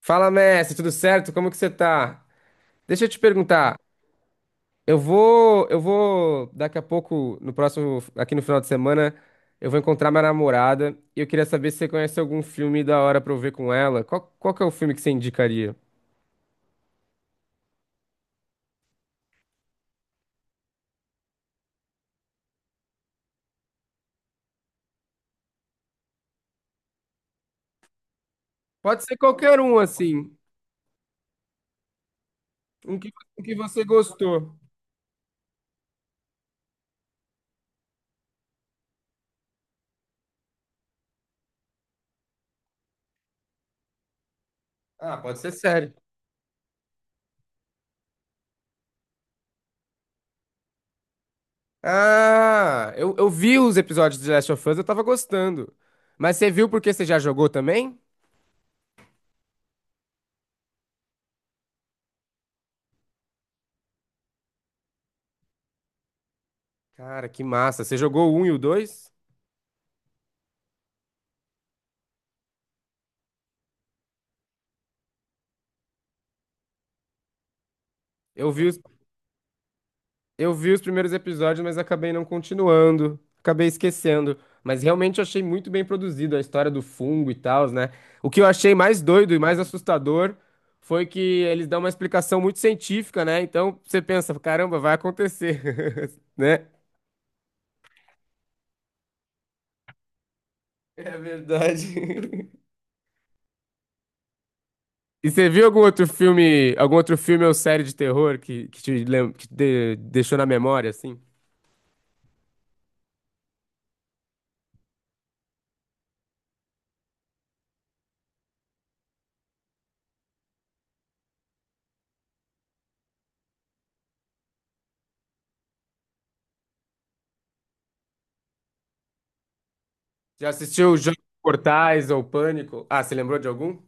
Fala, mestre, tudo certo? Como que você tá? Deixa eu te perguntar. Eu vou daqui a pouco, no próximo, aqui no final de semana, eu vou encontrar minha namorada e eu queria saber se você conhece algum filme da hora pra eu ver com ela. Qual que é o filme que você indicaria? Pode ser qualquer um, assim. Um que, um que você gostou. Ah, pode ser sério. Ah, eu vi os episódios de Last of Us, eu tava gostando. Mas você viu porque você já jogou também? Cara, que massa. Você jogou o 1 e o 2? Eu vi os Eu vi os primeiros episódios, mas acabei não continuando, acabei esquecendo. Mas realmente eu achei muito bem produzido a história do fungo e tal, né? O que eu achei mais doido e mais assustador foi que eles dão uma explicação muito científica, né? Então você pensa, caramba, vai acontecer, né? É verdade. E você viu algum outro filme ou série de terror que deixou na memória, assim? Já assistiu Jogos Mortais ou Pânico? Ah, você lembrou de algum?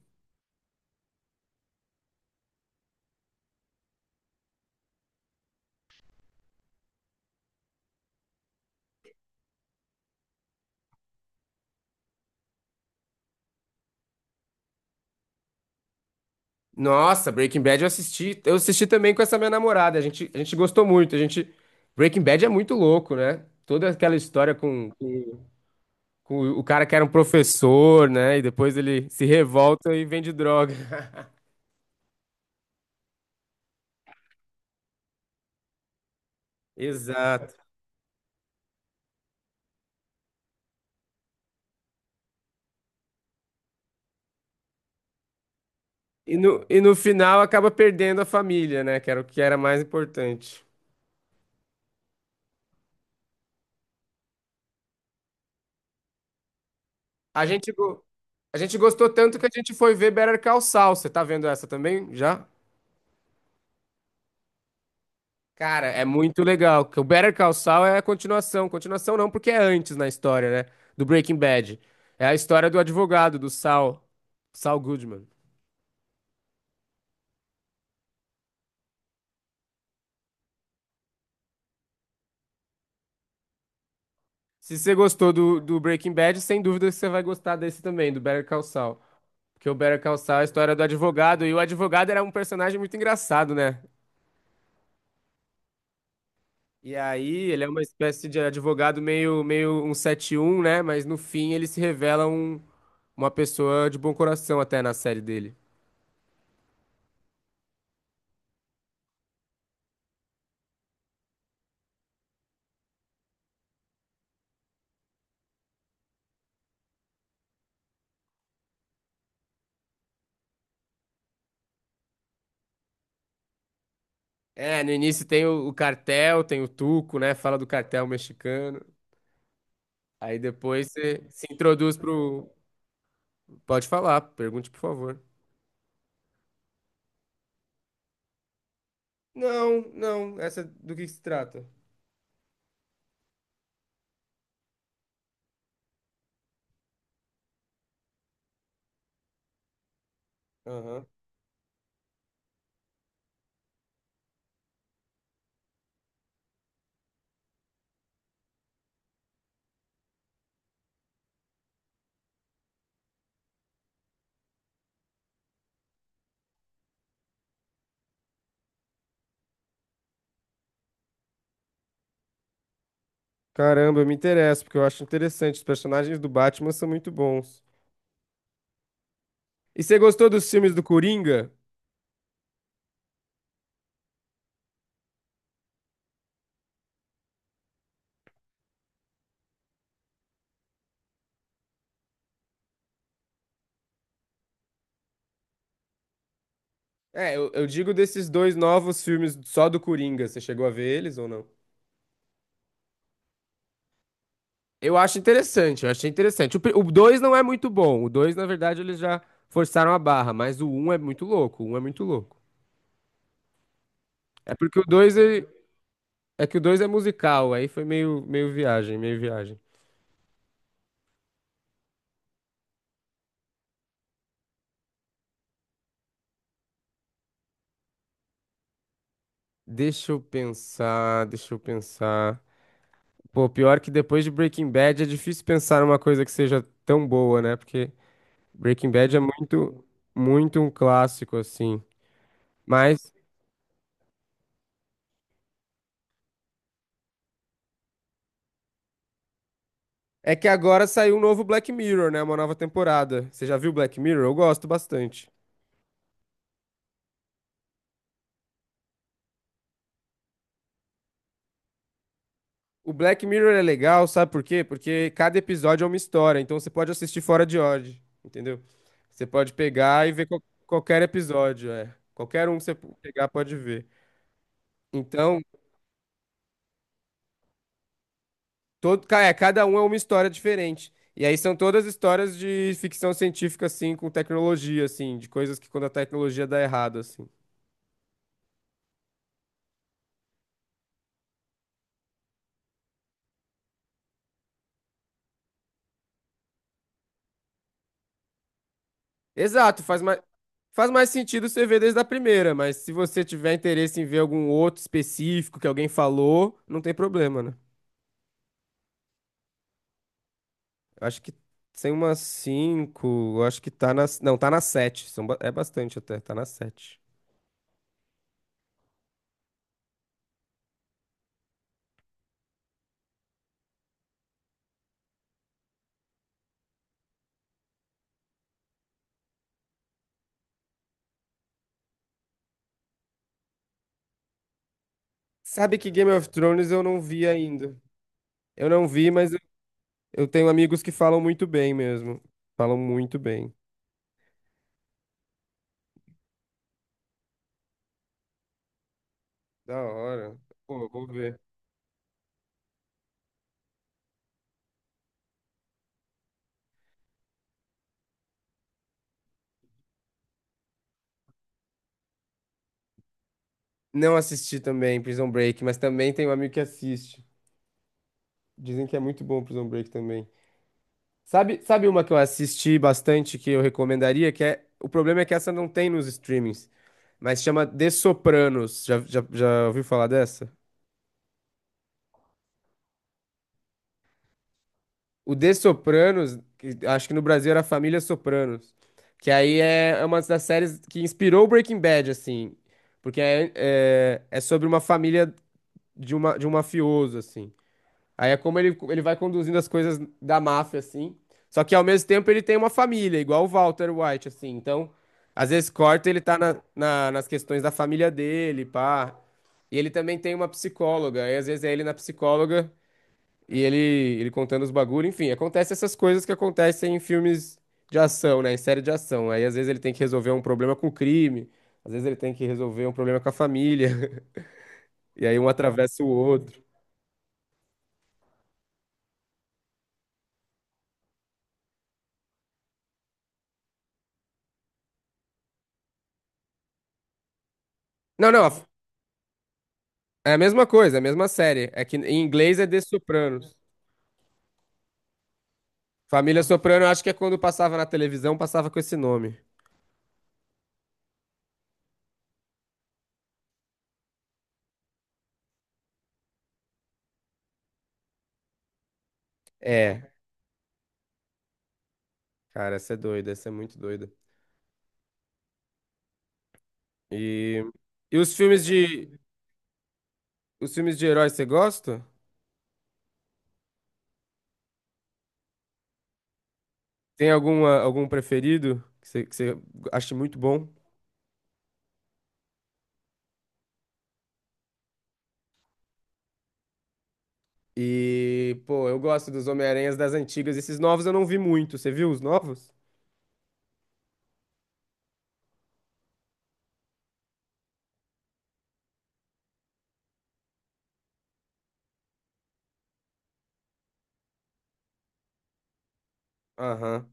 Nossa, Breaking Bad eu assisti. Eu assisti também com essa minha namorada. A gente gostou muito. A gente, Breaking Bad é muito louco, né? Toda aquela história com o cara que era um professor, né? E depois ele se revolta e vende droga. Exato. E no final acaba perdendo a família, né? Que era o que era mais importante. A gente, go- a gente gostou tanto que a gente foi ver Better Call Saul. Você tá vendo essa também já? Cara, é muito legal. Que O Better Call Saul é a continuação. Continuação não, porque é antes na história, né? Do Breaking Bad. É a história do advogado, do Saul. Saul Goodman. Se você gostou do Breaking Bad, sem dúvida você vai gostar desse também, do Better Call Saul. Porque o Better Call Saul é a história do advogado. E o advogado era um personagem muito engraçado, né? E aí, ele é uma espécie de advogado meio um sete um, né? Mas no fim ele se revela um, uma pessoa de bom coração até na série dele. É, no início tem o cartel, tem o Tuco, né? Fala do cartel mexicano. Aí depois você se introduz pro. Pode falar, pergunte, por favor. Não, essa do que se trata? Aham. Caramba, eu me interesso, porque eu acho interessante. Os personagens do Batman são muito bons. E você gostou dos filmes do Coringa? É, eu digo desses dois novos filmes só do Coringa. Você chegou a ver eles ou não? Eu acho interessante, eu achei interessante. O 2 não é muito bom. O 2, na verdade, eles já forçaram a barra, mas o um é muito louco. O 1 é muito louco. É porque o 2 é, é que o 2 é musical, aí foi meio viagem, meio viagem. Deixa eu pensar, deixa eu pensar. Pô, pior que depois de Breaking Bad é difícil pensar numa coisa que seja tão boa, né? Porque Breaking Bad é muito, muito um clássico, assim. Mas é que agora saiu um novo Black Mirror, né? Uma nova temporada. Você já viu Black Mirror? Eu gosto bastante. O Black Mirror é legal, sabe por quê? Porque cada episódio é uma história, então você pode assistir fora de ordem, entendeu? Você pode pegar e ver qualquer episódio, é. Qualquer um que você pegar pode ver. Então, cada um é uma história diferente. E aí são todas histórias de ficção científica, assim, com tecnologia, assim, de coisas que quando a tecnologia dá errado, assim. Exato, faz mais, faz mais sentido você ver desde a primeira, mas se você tiver interesse em ver algum outro específico que alguém falou, não tem problema, né? Eu acho que tem umas cinco. Eu acho que tá nas. Não, tá nas sete. É bastante até, tá nas sete. Sabe que Game of Thrones eu não vi ainda. Eu não vi, mas eu tenho amigos que falam muito bem mesmo. Falam muito bem. Da hora. Pô, eu vou ver. Não assisti também Prison Break, mas também tem um amigo que assiste. Dizem que é muito bom Prison Break também. Sabe uma que eu assisti bastante que eu recomendaria, que é, o problema é que essa não tem nos streamings, mas chama The Sopranos. Já ouviu falar dessa? O The Sopranos, que acho que no Brasil era Família Sopranos, que aí é é uma das séries que inspirou o Breaking Bad, assim, porque é sobre uma família de, uma, de um mafioso, assim. Aí é como ele vai conduzindo as coisas da máfia, assim. Só que ao mesmo tempo ele tem uma família, igual o Walter White, assim. Então, às vezes corta, ele tá nas questões da família dele, pá. E ele também tem uma psicóloga. Aí às vezes é ele na psicóloga e ele, ele contando os bagulho. Enfim, acontece essas coisas que acontecem em filmes de ação, né? Em série de ação. Aí às vezes ele tem que resolver um problema com o crime. Às vezes ele tem que resolver um problema com a família. E aí um atravessa o outro. Não, não. É a mesma coisa, é a mesma série. É que em inglês é The Sopranos. Família Soprano, eu acho que é quando passava na televisão, passava com esse nome. É, cara, essa é doida, essa é muito doida. E, e os filmes de heróis você gosta? Tem alguma algum preferido que você acha muito bom? E, pô, eu gosto dos Homem-Aranhas das antigas. Esses novos eu não vi muito. Você viu os novos? Aham.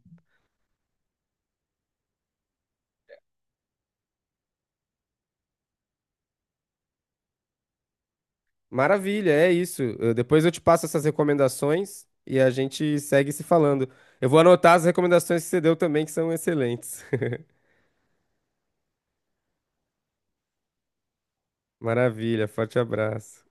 Maravilha, é isso. Depois eu te passo essas recomendações e a gente segue se falando. Eu vou anotar as recomendações que você deu também, que são excelentes. Maravilha, forte abraço.